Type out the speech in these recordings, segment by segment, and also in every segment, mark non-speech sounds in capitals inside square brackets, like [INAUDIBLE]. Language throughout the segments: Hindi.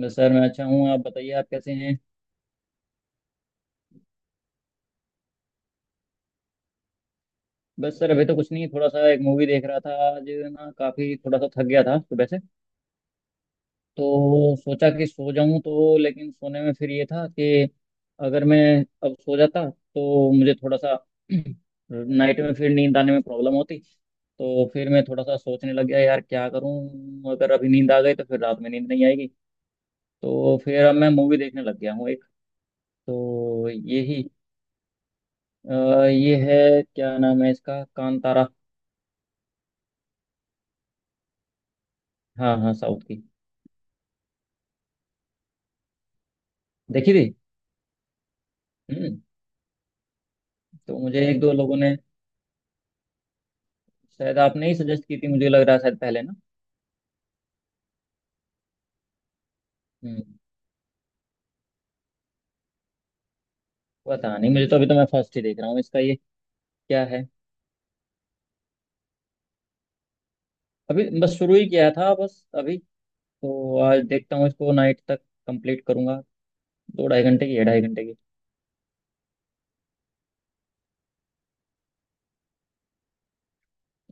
बस सर मैं अच्छा हूँ। आप बताइए, आप कैसे हैं? बस सर अभी तो कुछ नहीं, थोड़ा सा एक मूवी देख रहा था आज ना। काफ़ी थोड़ा सा थक गया था सुबह से, तो सोचा कि सो जाऊं। तो लेकिन सोने में फिर ये था कि अगर मैं अब सो जाता तो मुझे थोड़ा सा [CLEARS THROAT] नाइट में फिर नींद आने में प्रॉब्लम होती। तो फिर मैं थोड़ा सा सोचने लग गया, यार क्या करूं, अगर अभी नींद आ गई तो फिर रात में नींद नहीं आएगी। तो फिर अब मैं मूवी देखने लग गया हूँ एक। तो यही। अ, ये है, क्या नाम है इसका, कांतारा। हाँ हाँ, साउथ की। देखी थी। हम्म। तो मुझे एक दो लोगों ने, शायद आपने ही सजेस्ट की थी, मुझे लग रहा है शायद पहले ना। हम्म। पता नहीं, मुझे तो अभी तो मैं फर्स्ट ही देख रहा हूँ इसका ये क्या है। अभी बस शुरू ही किया था बस अभी। तो आज देखता हूँ इसको नाइट तक, कंप्लीट करूंगा। दो ढाई घंटे की है, ढाई घंटे की।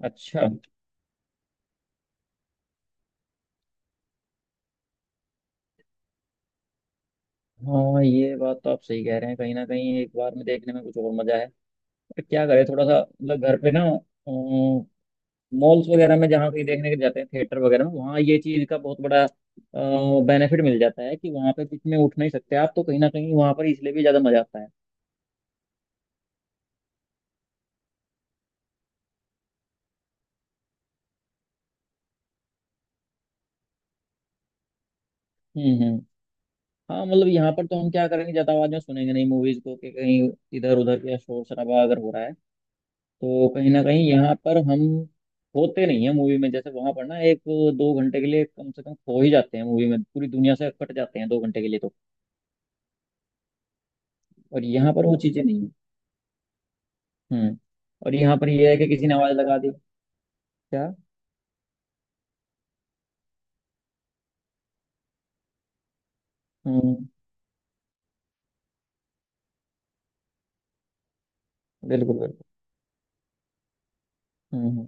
अच्छा। हाँ ये बात तो आप सही कह रहे हैं, कहीं ना कहीं एक बार में देखने में कुछ और मजा है। पर क्या करें, थोड़ा सा मतलब घर पे ना, मॉल्स वगैरह में जहाँ कहीं देखने के जाते हैं, थिएटर वगैरह में, वहाँ ये चीज़ का बहुत बड़ा बेनिफिट मिल जाता है कि वहाँ पे बीच में उठ नहीं सकते आप, तो कहीं ना कहीं वहाँ पर इसलिए भी ज़्यादा मजा आता है। हम्म। हाँ मतलब यहाँ पर तो हम क्या करेंगे, ज़्यादा आवाज़ में सुनेंगे नहीं मूवीज को, कि कहीं इधर उधर या शोर शराबा अगर हो रहा है, तो कहीं ना कहीं यहाँ पर हम होते नहीं है मूवी में। जैसे वहाँ पर ना एक दो घंटे के लिए कम से कम खो ही जाते हैं मूवी में, पूरी दुनिया से कट जाते हैं दो घंटे के लिए। तो और यहाँ पर वो चीज़ें नहीं है। हम्म। और यहाँ पर ये है कि किसी ने आवाज़ लगा दी। क्या। हम्म। बिल्कुल बिल्कुल। हम्म।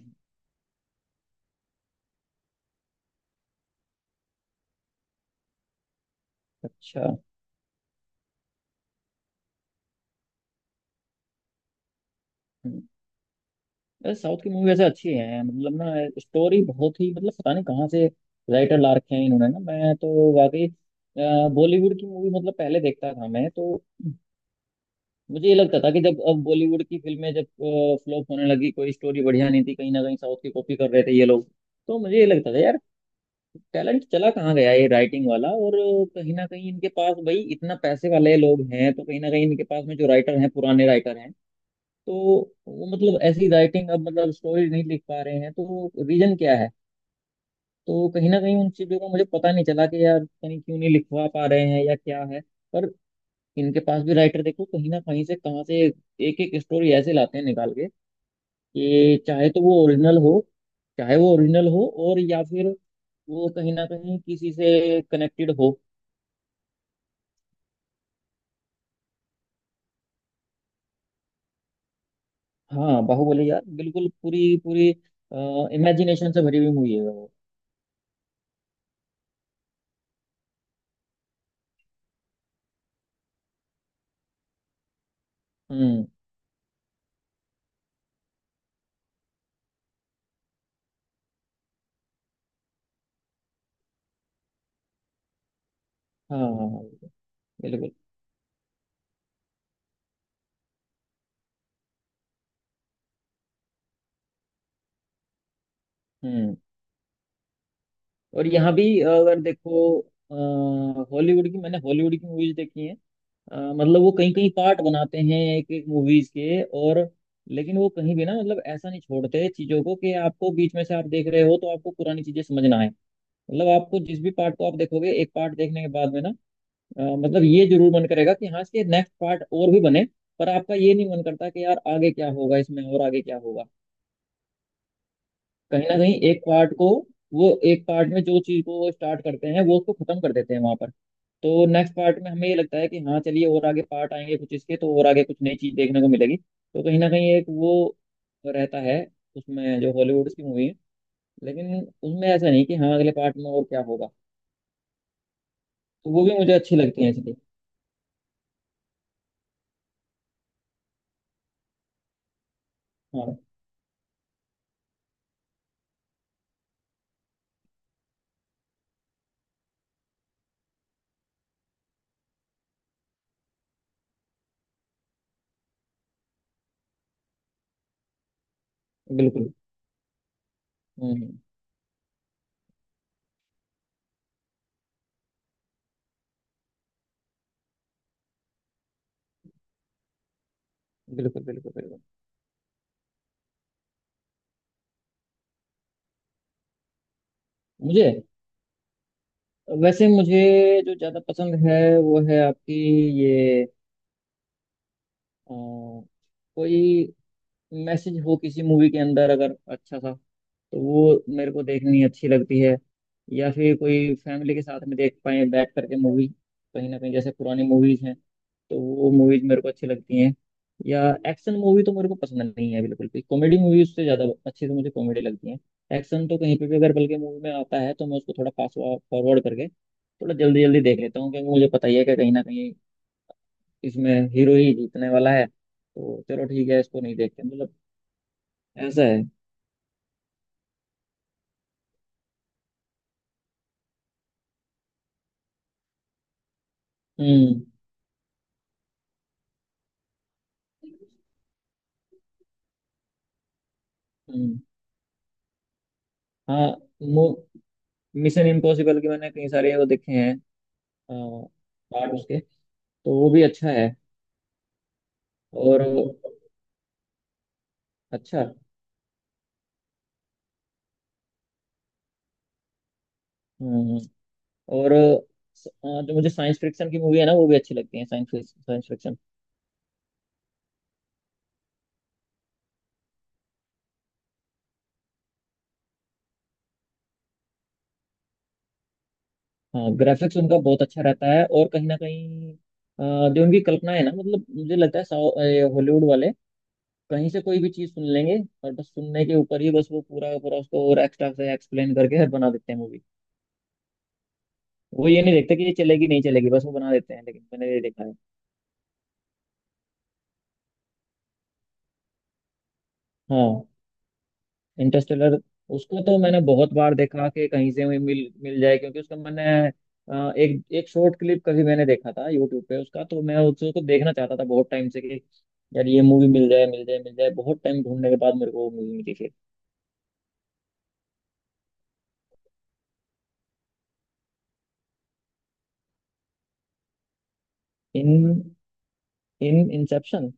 अच्छा। हम्म। यार साउथ की मूवी वैसे अच्छी है, मतलब ना स्टोरी बहुत ही, मतलब पता नहीं कहाँ से राइटर ला रखे हैं इन्होंने ना। मैं तो वाकई, बॉलीवुड की मूवी मतलब पहले देखता था मैं तो। मुझे ये लगता था कि जब अब बॉलीवुड की फिल्में जब फ्लॉप होने लगी, कोई स्टोरी बढ़िया नहीं थी, कहीं ना कहीं साउथ की कॉपी कर रहे थे ये लोग। तो मुझे ये लगता था यार, टैलेंट चला कहाँ गया ये राइटिंग वाला। और कहीं ना कहीं इनके पास भाई इतना पैसे वाले लोग हैं, तो कहीं ना कहीं इनके पास में जो राइटर हैं पुराने राइटर हैं, तो वो मतलब ऐसी राइटिंग अब मतलब स्टोरी नहीं लिख पा रहे हैं, तो रीजन क्या है। तो कहीं ना कहीं उन चीजों का मुझे पता नहीं चला कि यार पता नहीं क्यों नहीं लिखवा पा रहे हैं या क्या है। पर इनके पास भी राइटर देखो, कहीं ना कहीं से कहाँ से एक एक स्टोरी ऐसे लाते हैं निकाल के, कि चाहे तो वो ओरिजिनल हो, चाहे वो ओरिजिनल हो और या फिर वो कहीं ना कहीं किसी से कनेक्टेड हो। हाँ बाहुबली यार, बिल्कुल पूरी पूरी इमेजिनेशन से भरी हुई मूवी है वो। हम्म। हाँ हाँ हाँ। बिल्कुल। हम्म। और यहाँ भी अगर देखो, हॉलीवुड की मैंने हॉलीवुड की मूवीज देखी हैं। मतलब वो कहीं कहीं पार्ट बनाते हैं एक एक मूवीज के। और लेकिन वो कहीं भी ना, मतलब ऐसा नहीं छोड़ते चीजों को कि आपको बीच में से आप देख रहे हो तो आपको पुरानी चीजें समझ ना आए। मतलब आपको जिस भी पार्ट को आप देखोगे, एक पार्ट देखने के बाद में ना मतलब ये जरूर मन करेगा कि हाँ इसके नेक्स्ट पार्ट और भी बने। पर आपका ये नहीं मन करता कि यार आगे क्या होगा इसमें और आगे क्या होगा। कहीं ना कहीं एक पार्ट को, वो एक पार्ट में जो चीज को वो स्टार्ट करते हैं वो उसको खत्म कर देते हैं वहां पर। तो नेक्स्ट पार्ट में हमें ये लगता है कि हाँ चलिए और आगे पार्ट आएंगे कुछ इसके, तो और आगे कुछ नई चीज देखने को मिलेगी, तो कहीं ना कहीं एक वो रहता है उसमें जो हॉलीवुड की मूवी है। लेकिन उसमें ऐसा नहीं कि हाँ अगले पार्ट में और क्या होगा। तो वो भी मुझे अच्छी लगती है इसलिए। हाँ। बिल्कुल। हम्म। बिल्कुल बिल्कुल बिल्कुल। मुझे, वैसे मुझे जो ज्यादा पसंद है वो है आपकी ये अ, कोई मैसेज हो किसी मूवी के अंदर अगर अच्छा सा, तो वो मेरे को देखनी अच्छी लगती है। या फिर कोई फैमिली के साथ में देख पाए बैठ करके मूवी, कहीं ना कहीं जैसे पुरानी मूवीज हैं, तो वो मूवीज मेरे को अच्छी लगती हैं। या एक्शन मूवी तो मेरे को पसंद नहीं है बिल्कुल भी, कॉमेडी मूवी उससे ज़्यादा अच्छी, तो मुझे कॉमेडी लगती है। एक्शन तो कहीं पे भी अगर बल्कि मूवी में आता है, तो मैं उसको थोड़ा फास्ट फॉरवर्ड करके थोड़ा जल्दी जल्दी देख लेता हूँ, क्योंकि मुझे पता ही है कि कहीं ना कहीं इसमें हीरो ही जीतने वाला है, तो चलो ठीक है इसको नहीं देखते मतलब। ऐसा है। हम्म हम्म। हाँ मिशन इम्पॉसिबल के मैंने कई सारे वो देखे हैं, पार्ट उसके। तो वो भी अच्छा है। और अच्छा। हम्म। और जो मुझे साइंस फिक्शन की मूवी है ना वो भी अच्छी लगती है, साइंस साइंस फिक्शन। हाँ ग्राफिक्स उनका बहुत अच्छा रहता है, और कहीं ना कहीं जो उनकी कल्पना है ना, मतलब मुझे लगता है ये हॉलीवुड वाले कहीं से कोई भी चीज सुन लेंगे, और बस सुनने के ऊपर ही बस वो पूरा का पूरा उसको और एक्स्ट्रा से एक्सप्लेन करके बना देते हैं मूवी। वो ये नहीं देखते कि ये चलेगी नहीं चलेगी, बस वो बना देते हैं, लेकिन मैंने ये देखा है। हाँ इंटरस्टेलर। उसको तो मैंने बहुत बार देखा कि कहीं से भी मिल मिल जाए, क्योंकि उसका मैंने एक एक शॉर्ट क्लिप कभी मैंने देखा था यूट्यूब पे उसका। तो मैं उसको देखना चाहता था बहुत टाइम से कि यार ये मूवी मिल जाए मिल जाए मिल जाए। बहुत टाइम ढूंढने के बाद मेरे को वो मूवी मिली फिर। इन इन इंसेप्शन,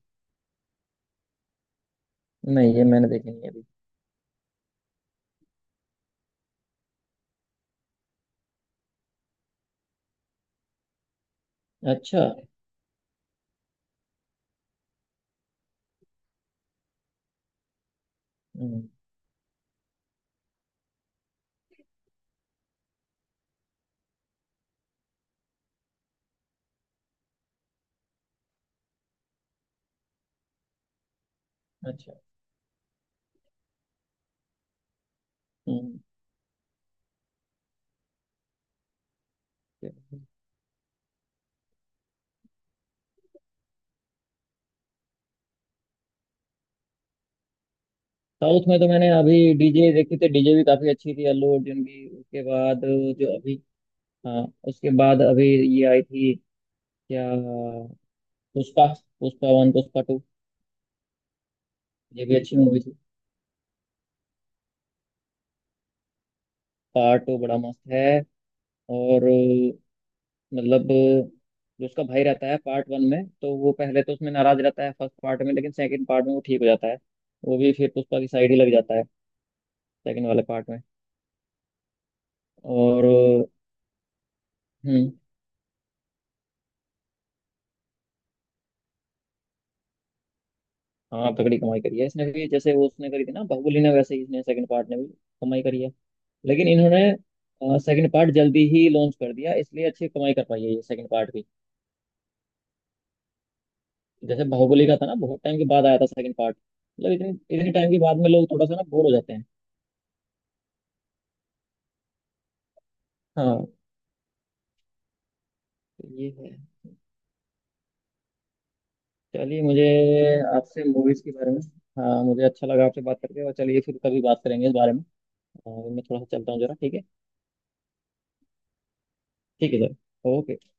नहीं ये मैंने देखी नहीं अभी। अच्छा। हम्म। अच्छा। हम्म। साउथ में तो मैंने अभी डीजे देखी थी, डीजे भी काफी अच्छी थी अल्लू अर्जुन की। उसके बाद जो अभी, हाँ उसके बाद अभी ये आई थी क्या, पुष्पा। Pushpa one, Pushpa two. ये भी अच्छी मूवी थी। पार्ट टू बड़ा मस्त है। और मतलब जो उसका भाई रहता है पार्ट वन में तो वो पहले तो उसमें नाराज रहता है फर्स्ट पार्ट में, लेकिन सेकंड पार्ट में वो ठीक हो जाता है। वो भी फिर पुष्पा की साइड ही लग जाता है सेकंड वाले पार्ट में। और हम्म। हाँ तगड़ी कमाई करी है इसने भी, जैसे वो उसने करी थी ना बाहुबली ने, वैसे ही इसने सेकंड पार्ट ने भी कमाई करी है। लेकिन इन्होंने सेकंड पार्ट जल्दी ही लॉन्च कर दिया इसलिए अच्छी कमाई कर पाई है ये सेकंड पार्ट। जैसे बाहुबली का था ना, बहुत टाइम के बाद आया था सेकंड पार्ट, मतलब इतने इतने टाइम के बाद में लोग थोड़ा सा ना बोर हो जाते हैं। हाँ तो ये है। चलिए मुझे आपसे मूवीज के बारे में, हाँ मुझे अच्छा लगा आपसे बात करके, और चलिए फिर कभी बात करेंगे इस बारे में। और मैं थोड़ा सा चलता हूँ जरा, ठीक है? ठीक है सर। ओके।